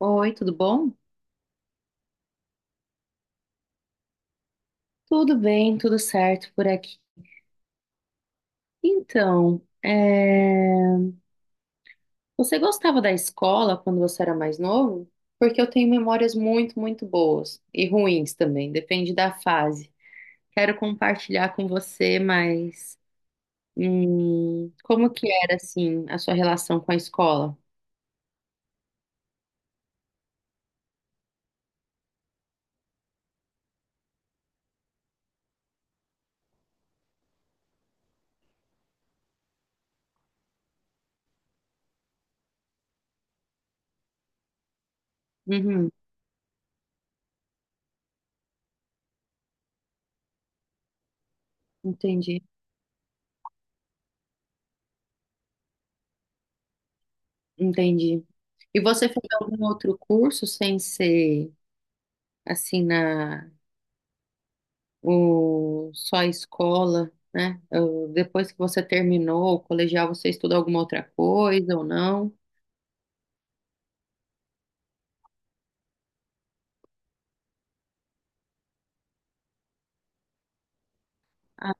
Oi, tudo bom? Tudo bem, tudo certo por aqui. Então, você gostava da escola quando você era mais novo? Porque eu tenho memórias muito, muito boas e ruins também, depende da fase. Quero compartilhar com você, mas como que era assim a sua relação com a escola? Uhum, entendi, entendi. E você fez algum outro curso sem ser assim na ou só a escola, né? Ou depois que você terminou o colegial, você estuda alguma outra coisa ou não? Ah,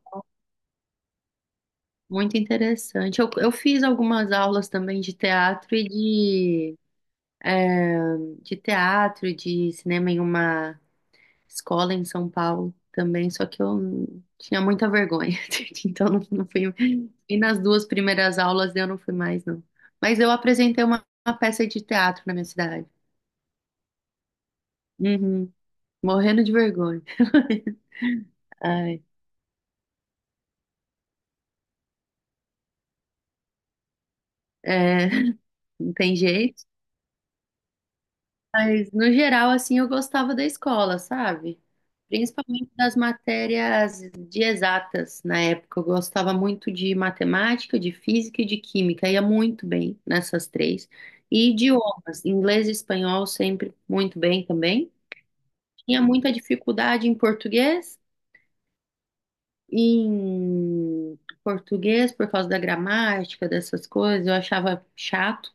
muito interessante. Eu fiz algumas aulas também de teatro é, de teatro e de cinema em uma escola em São Paulo também, só que eu tinha muita vergonha, então não fui. E nas duas primeiras aulas eu não fui mais, não. Mas eu apresentei uma peça de teatro na minha cidade. Uhum. Morrendo de vergonha. Ai, é, não tem jeito. Mas, no geral, assim, eu gostava da escola, sabe? Principalmente das matérias de exatas. Na época, eu gostava muito de matemática, de física e de química. Ia muito bem nessas três. E idiomas, inglês e espanhol, sempre muito bem também. Tinha muita dificuldade em português. Em português, por causa da gramática, dessas coisas, eu achava chato.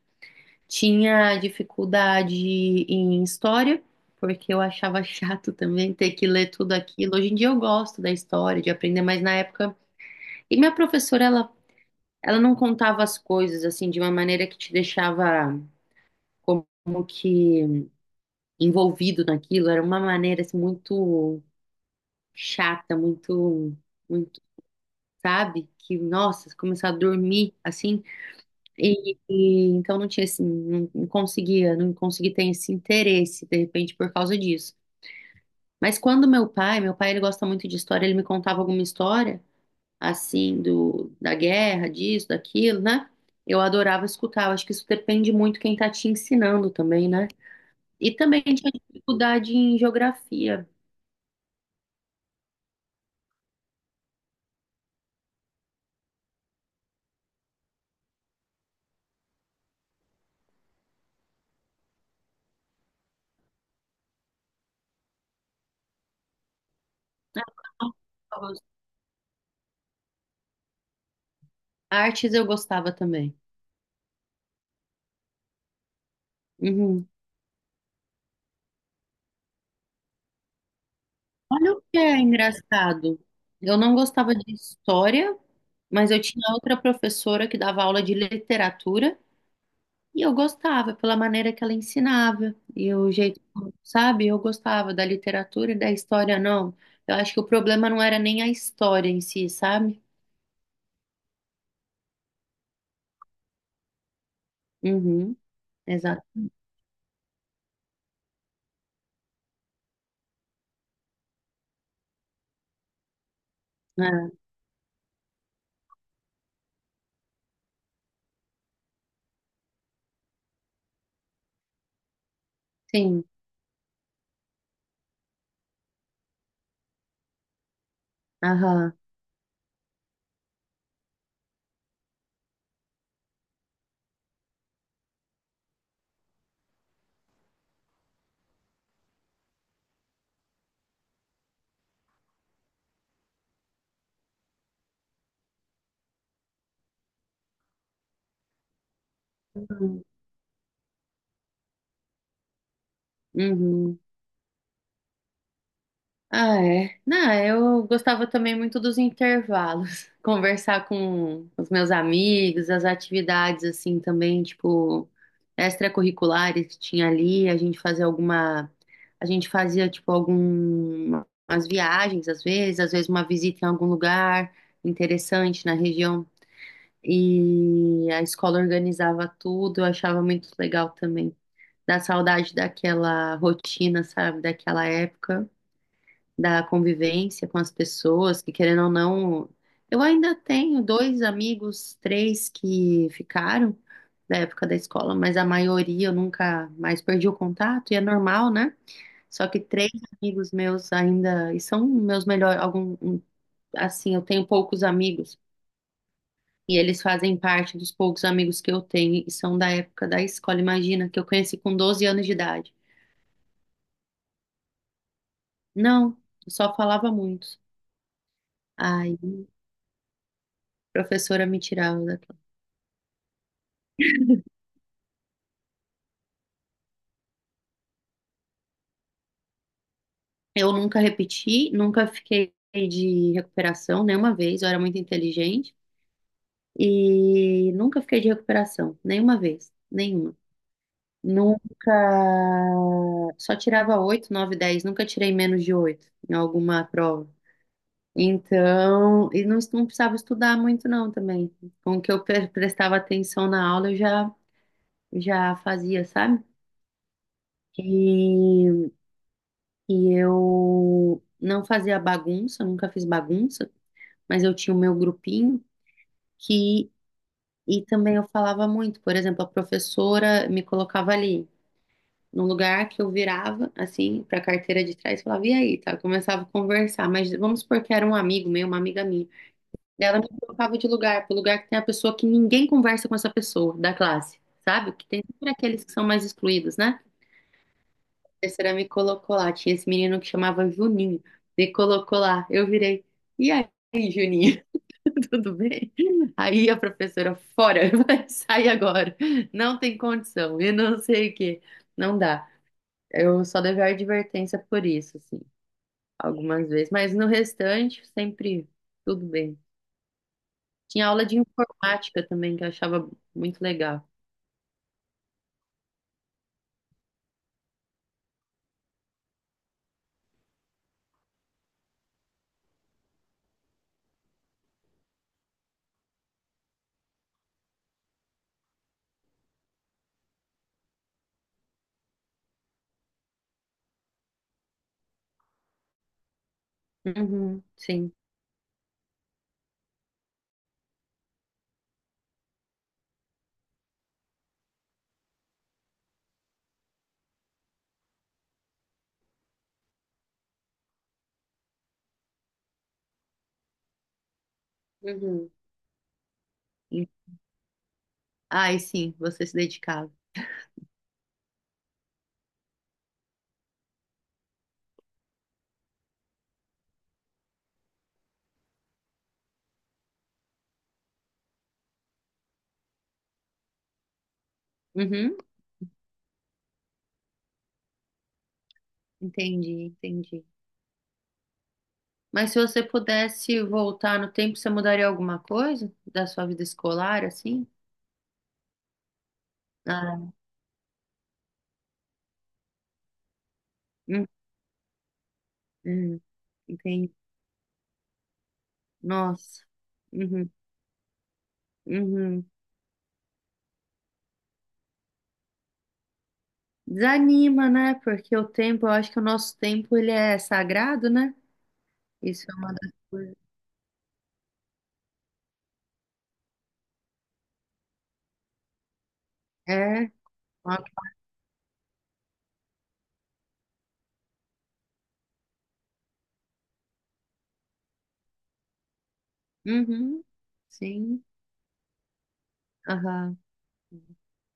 Tinha dificuldade em história, porque eu achava chato também ter que ler tudo aquilo. Hoje em dia eu gosto da história, de aprender, mas na época. E minha ela não contava as coisas assim de uma maneira que te deixava como que envolvido naquilo. Era uma maneira assim, muito chata, muito, muito, sabe? Que, nossa, começar a dormir assim. E então não tinha assim, não conseguia, não consegui ter esse interesse, de repente, por causa disso. Mas quando meu pai ele gosta muito de história, ele me contava alguma história, assim, da guerra, disso, daquilo, né? Eu adorava escutar, eu acho que isso depende muito quem tá te ensinando também, né? E também tinha dificuldade em geografia. Artes eu gostava também. Uhum. Olha o que é engraçado. Eu não gostava de história, mas eu tinha outra professora que dava aula de literatura e eu gostava pela maneira que ela ensinava e o jeito, sabe? Eu gostava da literatura e da história, não. Eu acho que o problema não era nem a história em si, sabe? Uhum, exato. É, sim, aham. Uhum. Uhum. Ah, é. Não, eu gostava também muito dos intervalos, conversar com os meus amigos, as atividades assim também, tipo, extracurriculares que tinha ali, a gente fazia tipo algumas viagens às vezes uma visita em algum lugar interessante na região e a escola organizava tudo, eu achava muito legal também. Dá saudade daquela rotina, sabe, daquela época da convivência com as pessoas, que querendo ou não, eu ainda tenho dois amigos, três que ficaram da época da escola, mas a maioria eu nunca mais perdi o contato, e é normal, né? Só que três amigos meus ainda, e são meus melhores, assim, eu tenho poucos amigos, e eles fazem parte dos poucos amigos que eu tenho, e são da época da escola, imagina, que eu conheci com 12 anos de idade. Não, eu só falava muito. Aí, a professora me tirava da. Eu nunca repeti, nunca fiquei de recuperação nenhuma vez. Eu era muito inteligente e nunca fiquei de recuperação nenhuma vez, nenhuma. Nunca, só tirava 8, 9, 10. Nunca tirei menos de 8 em alguma prova. Então, e não precisava estudar muito não também. Com o que eu prestava atenção na aula, já fazia, sabe? E, e eu não fazia bagunça, nunca fiz bagunça. Mas eu tinha o meu grupinho que e também eu falava muito, por exemplo, a professora me colocava ali num lugar que eu virava assim para a carteira de trás, e falava e aí, tá? Eu começava a conversar, mas vamos supor que era um amigo meu, uma amiga minha. Daí ela me colocava de lugar, pro lugar que tem a pessoa que ninguém conversa com essa pessoa da classe, sabe? Que tem sempre aqueles que são mais excluídos, né? A professora me colocou lá, tinha esse menino que chamava Juninho, me colocou lá, eu virei. E aí, Juninho? Tudo bem? Aí a professora, fora, vai sair agora. Não tem condição. E não sei o quê. Não dá. Eu só levei a advertência por isso, assim, algumas vezes. Mas no restante, sempre tudo bem. Tinha aula de informática também, que eu achava muito legal. Uhum, sim. Uhum. E- ai, sim, você se dedicava. Uhum, entendi, entendi. Mas se você pudesse voltar no tempo, você mudaria alguma coisa da sua vida escolar, assim? Ah, hum, hum, entendi. Nossa. Uhum, uhum. Desanima, né? Porque o tempo, eu acho que o nosso tempo ele é sagrado, né? Isso é uma das coisas. É. Ó, uhum, sim. Aham.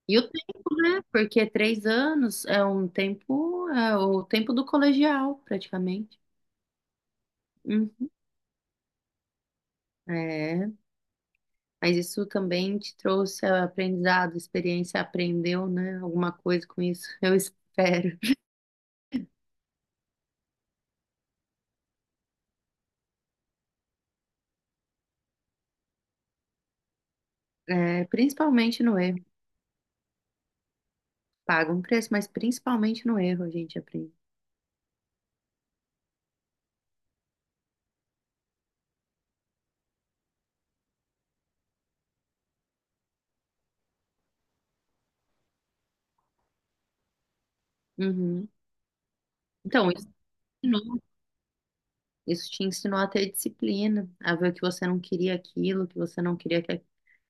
E o tempo, né? Porque 3 anos é um tempo, é o tempo do colegial, praticamente. Uhum. É, mas isso também te trouxe aprendizado, experiência, aprendeu, né? Alguma coisa com isso, eu espero. É, principalmente no. Paga um preço, mas principalmente no erro a gente aprende. Uhum. Então, isso, te ensinou- isso te ensinou a ter disciplina, a ver que você não queria aquilo, que você não queria que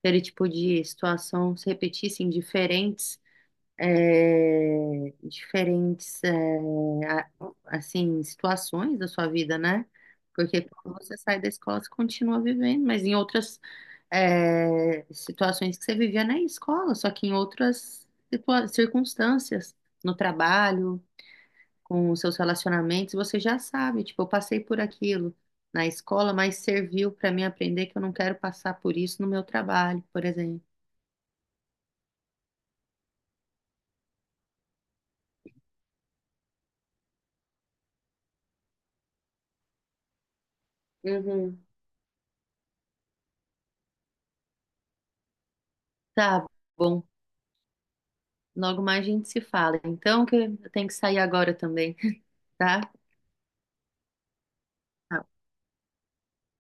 aquele tipo de situação se repetisse em diferentes diferentes a- assim situações da sua vida, né? Porque quando você sai da escola, você continua vivendo, mas em outras situações que você vivia na escola, só que em outras circunstâncias, no trabalho, com os seus relacionamentos, você já sabe, tipo, eu passei por aquilo na escola, mas serviu para mim aprender que eu não quero passar por isso no meu trabalho, por exemplo. Uhum. Tá bom. Logo mais a gente se fala. Então, que eu tenho que sair agora também, tá?